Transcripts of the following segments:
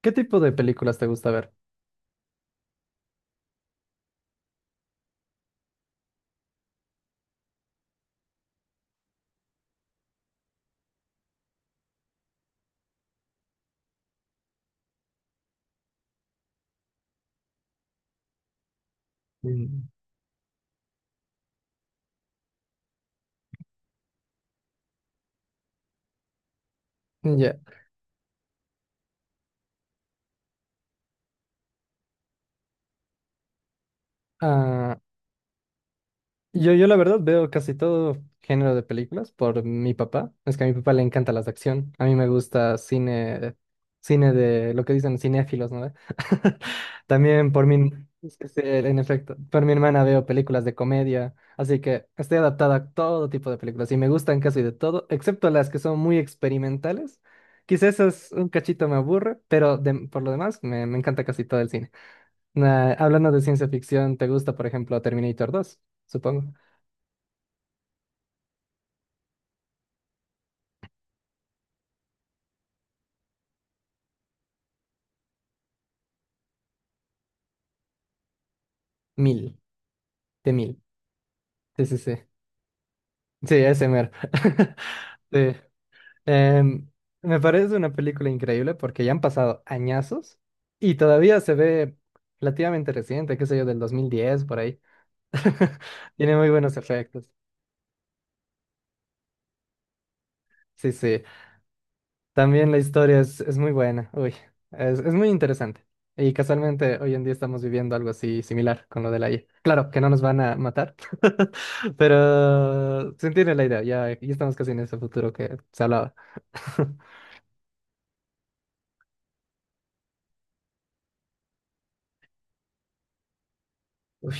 ¿Qué tipo de películas te gusta ver? Mm. Ya. Ah, yo la verdad veo casi todo género de películas por mi papá. Es que a mi papá le encanta las de acción. A mí me gusta cine, cine de lo que dicen cinéfilos, ¿no? También por mi, es que sí, en efecto, por mi hermana veo películas de comedia. Así que estoy adaptada a todo tipo de películas y me gustan casi de todo, excepto las que son muy experimentales. Quizás esas un cachito me aburre, pero por lo demás me encanta casi todo el cine. Nah, hablando de ciencia ficción, ¿te gusta, por ejemplo, Terminator dos? Supongo. Mil, de mil. Sí, sí, sí. Sí, ese mero. Sí. Em, me parece una película increíble porque ya han pasado añazos y todavía se ve relativamente reciente, qué sé yo, del 2010, por ahí. Tiene muy buenos efectos. Sí, sí. También la historia es muy buena, uy, es muy interesante. Y casualmente hoy en día estamos viviendo algo así similar con lo de la IA. Claro, que no nos van a matar, pero se entiende la idea, ya, ya estamos casi en ese futuro que se hablaba. Uy,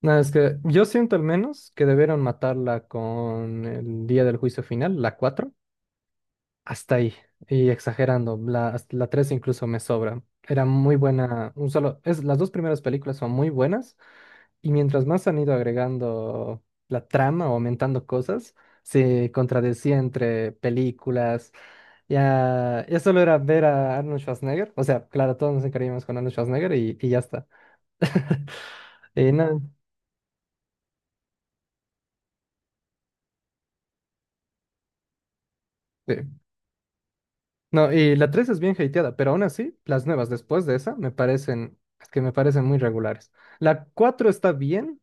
no, es que yo siento al menos que debieron matarla con el día del juicio final, la 4 hasta ahí, y exagerando, hasta la 3 incluso me sobra. Era muy buena, un solo, es, las dos primeras películas son muy buenas. Y mientras más han ido agregando la trama o aumentando cosas, se contradecía entre películas. Ya, ya solo era ver a Arnold Schwarzenegger. O sea, claro, todos nos encariñamos con Arnold Schwarzenegger y ya está. Y no, sí. No, y la tres es bien hateada, pero aún así, las nuevas después de esa me parecen, es que me parecen muy regulares. La 4 está bien.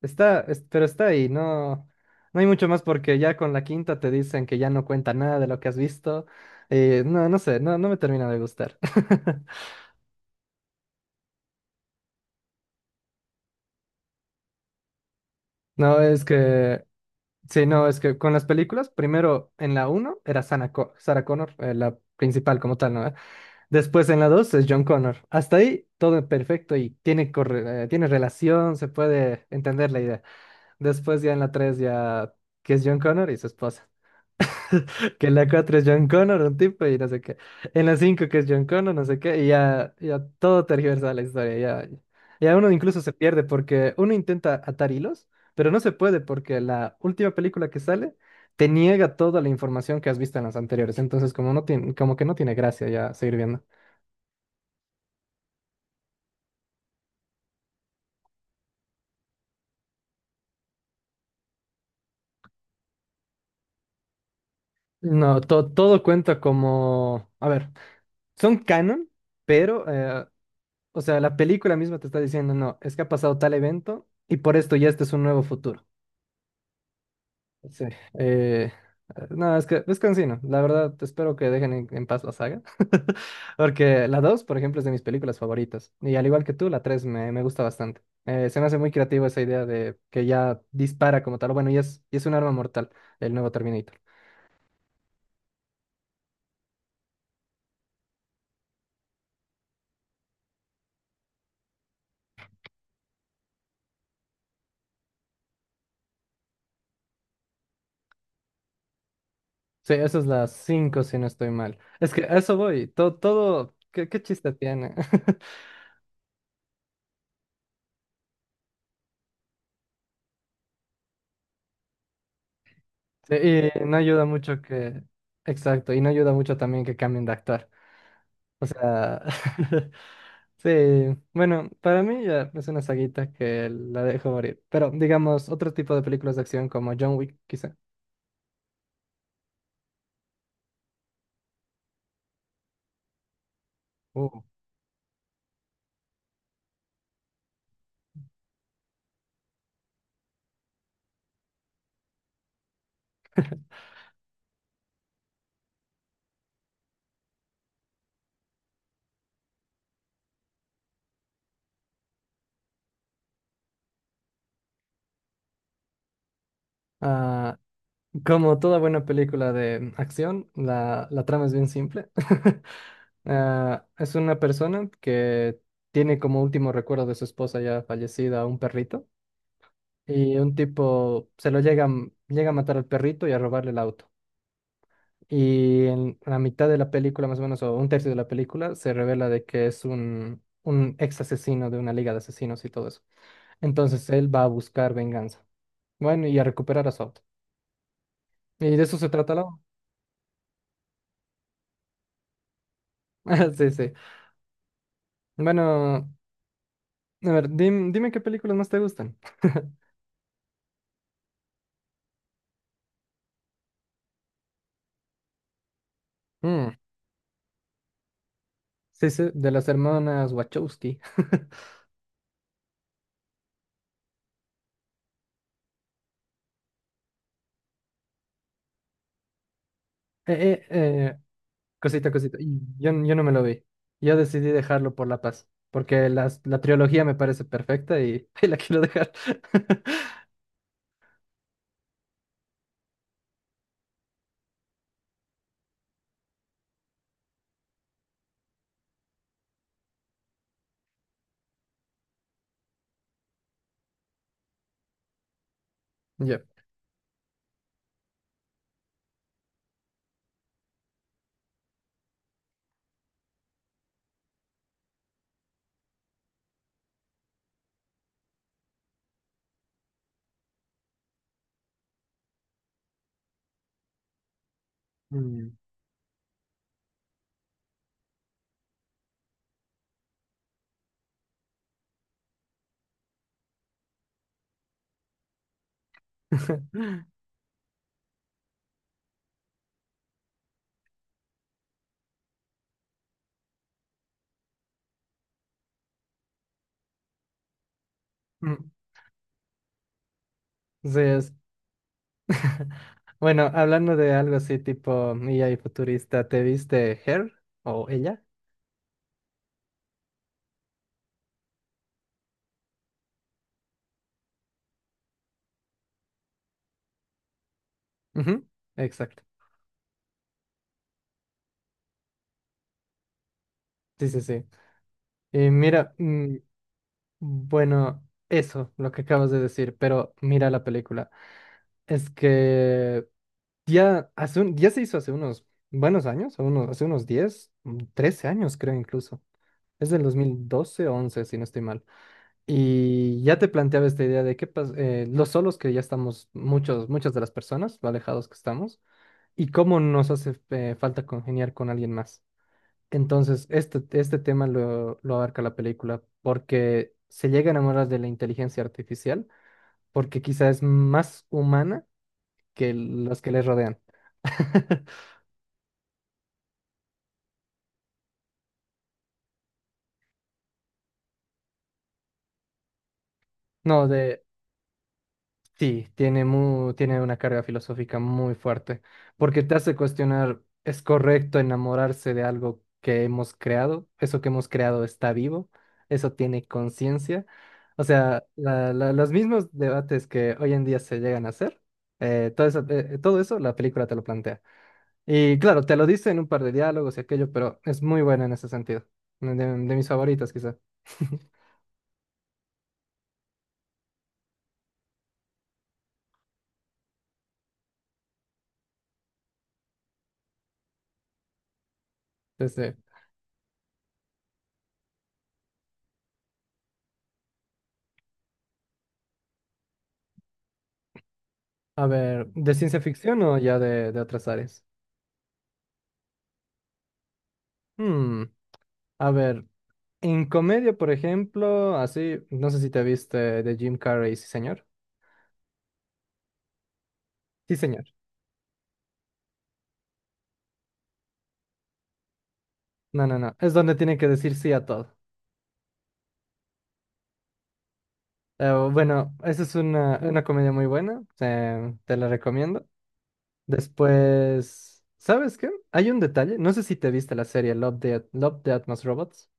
Pero está ahí, no, no hay mucho más porque ya con la quinta te dicen que ya no cuenta nada de lo que has visto. Y no, no sé, no, no me termina de gustar. No, es que, sí, no, es que con las películas, primero en la uno era Sarah Connor, la principal como tal, ¿no? Después en la 2 es John Connor. Hasta ahí todo perfecto y tiene relación, se puede entender la idea. Después ya en la 3 ya que es John Connor y su esposa. Que en la 4 es John Connor, un tipo, y no sé qué. En la 5 que es John Connor, no sé qué, y ya, ya todo tergiversa la historia. Ya, ya uno incluso se pierde porque uno intenta atar hilos, pero no se puede porque la última película que sale te niega toda la información que has visto en las anteriores. Entonces, como, no tiene, como que no tiene gracia ya seguir viendo. No, todo cuenta como... A ver, son canon, pero, o sea, la película misma te está diciendo, no, es que ha pasado tal evento y por esto ya este es un nuevo futuro. Sí. Eh, no, es que es cansino. La verdad, espero que dejen en paz la saga. Porque la 2 por ejemplo, es de mis películas favoritas. Y al igual que tú, la 3 me gusta bastante. Se me hace muy creativa esa idea de que ya dispara como tal. Bueno, y es un arma mortal, el nuevo Terminator. Sí, eso es las 5 si no estoy mal. Es que a eso voy. Todo, todo, ¿qué chiste tiene? Sí, y no ayuda mucho que... Exacto, y no ayuda mucho también que cambien de actor. O sea... Sí, bueno, para mí ya es una saguita que la dejo morir. Pero digamos, otro tipo de películas de acción como John Wick, quizá. Oh, ah, como toda buena película de acción, la trama es bien simple. Ah, es una persona que tiene como último recuerdo de su esposa ya fallecida un perrito y un tipo se lo llega, llega a matar al perrito y a robarle el auto. Y en la mitad de la película, más o menos, o un tercio de la película, se revela de que es un ex asesino de una liga de asesinos y todo eso. Entonces él va a buscar venganza. Bueno, y a recuperar a su auto. Y de eso se trata la... obra. Sí, sí. Bueno, a ver, dime qué películas más te gustan. Mm, sí, sí, de las hermanas Wachowski. eh, eh, Cosita, cosita. Y yo no me lo vi. Yo decidí dejarlo por La Paz, porque la trilogía me parece perfecta y, ahí la quiero dejar. Yo. Mm. Mm. Sí, es. Bueno, hablando de algo así tipo IA y futurista, ¿te viste Her o ella? Ujú, exacto. Sí, sí, sí. Y mira, bueno, eso, lo que acabas de decir, pero mira la película. Es que ya, ya se hizo hace unos buenos años, hace unos 13 años creo incluso. Es del 2012 o 11 si no estoy mal. Y ya te planteaba esta idea de los solos que ya estamos, muchas de las personas, lo alejados que estamos, y cómo nos hace falta congeniar con alguien más. Entonces, este tema lo abarca la película, porque se llega a enamorar de la inteligencia artificial, porque quizá es más humana que los que le rodean. No, de sí, tiene una carga filosófica muy fuerte, porque te hace cuestionar, ¿es correcto enamorarse de algo que hemos creado? ¿Eso que hemos creado está vivo? ¿Eso tiene conciencia? O sea, los mismos debates que hoy en día se llegan a hacer, todo eso la película te lo plantea. Y claro, te lo dice en un par de diálogos y aquello, pero es muy buena en ese sentido, de mis favoritas quizá. Entonces, a ver, ¿de ciencia ficción o ya de otras áreas? Hmm, a ver, en comedia, por ejemplo, así, no sé si te viste de Jim Carrey, sí, señor. Sí, señor. No, no, no. Es donde tiene que decir sí a todo. Bueno, esa es una comedia muy buena. Te la recomiendo. Después, ¿sabes qué? Hay un detalle. No sé si te viste la serie Love, Death, Love, Death, Most Robots.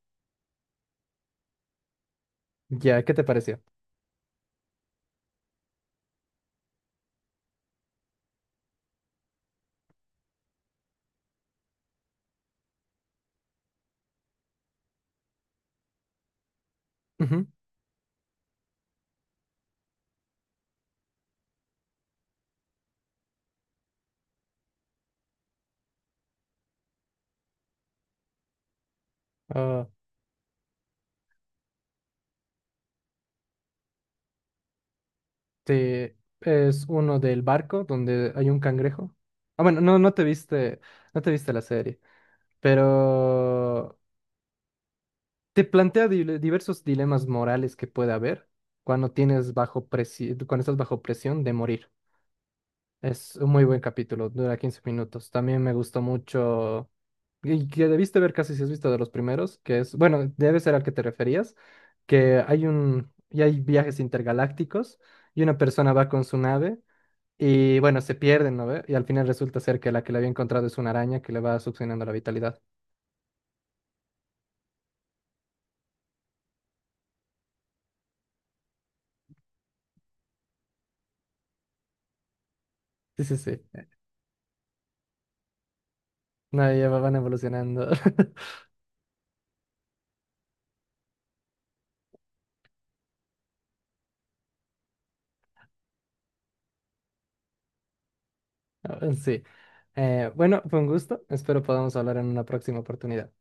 Ya, ¿qué te pareció? Ujú. Ah, es uno del barco donde hay un cangrejo. Ah, bueno, no, no te viste la serie. Pero te plantea diversos dilemas morales que puede haber cuando estás bajo presión de morir. Es un muy buen capítulo, dura 15 minutos. También me gustó mucho y que debiste ver casi si has visto de los primeros, que es, bueno, debe ser al que te referías, que hay un y hay viajes intergalácticos y una persona va con su nave y bueno, se pierden, ¿no ve? Y al final resulta ser que la que le había encontrado es una araña que le va succionando la vitalidad. Sí, sí, sí. No, ya van evolucionando. Sí. Bueno, fue un gusto. Espero podamos hablar en una próxima oportunidad.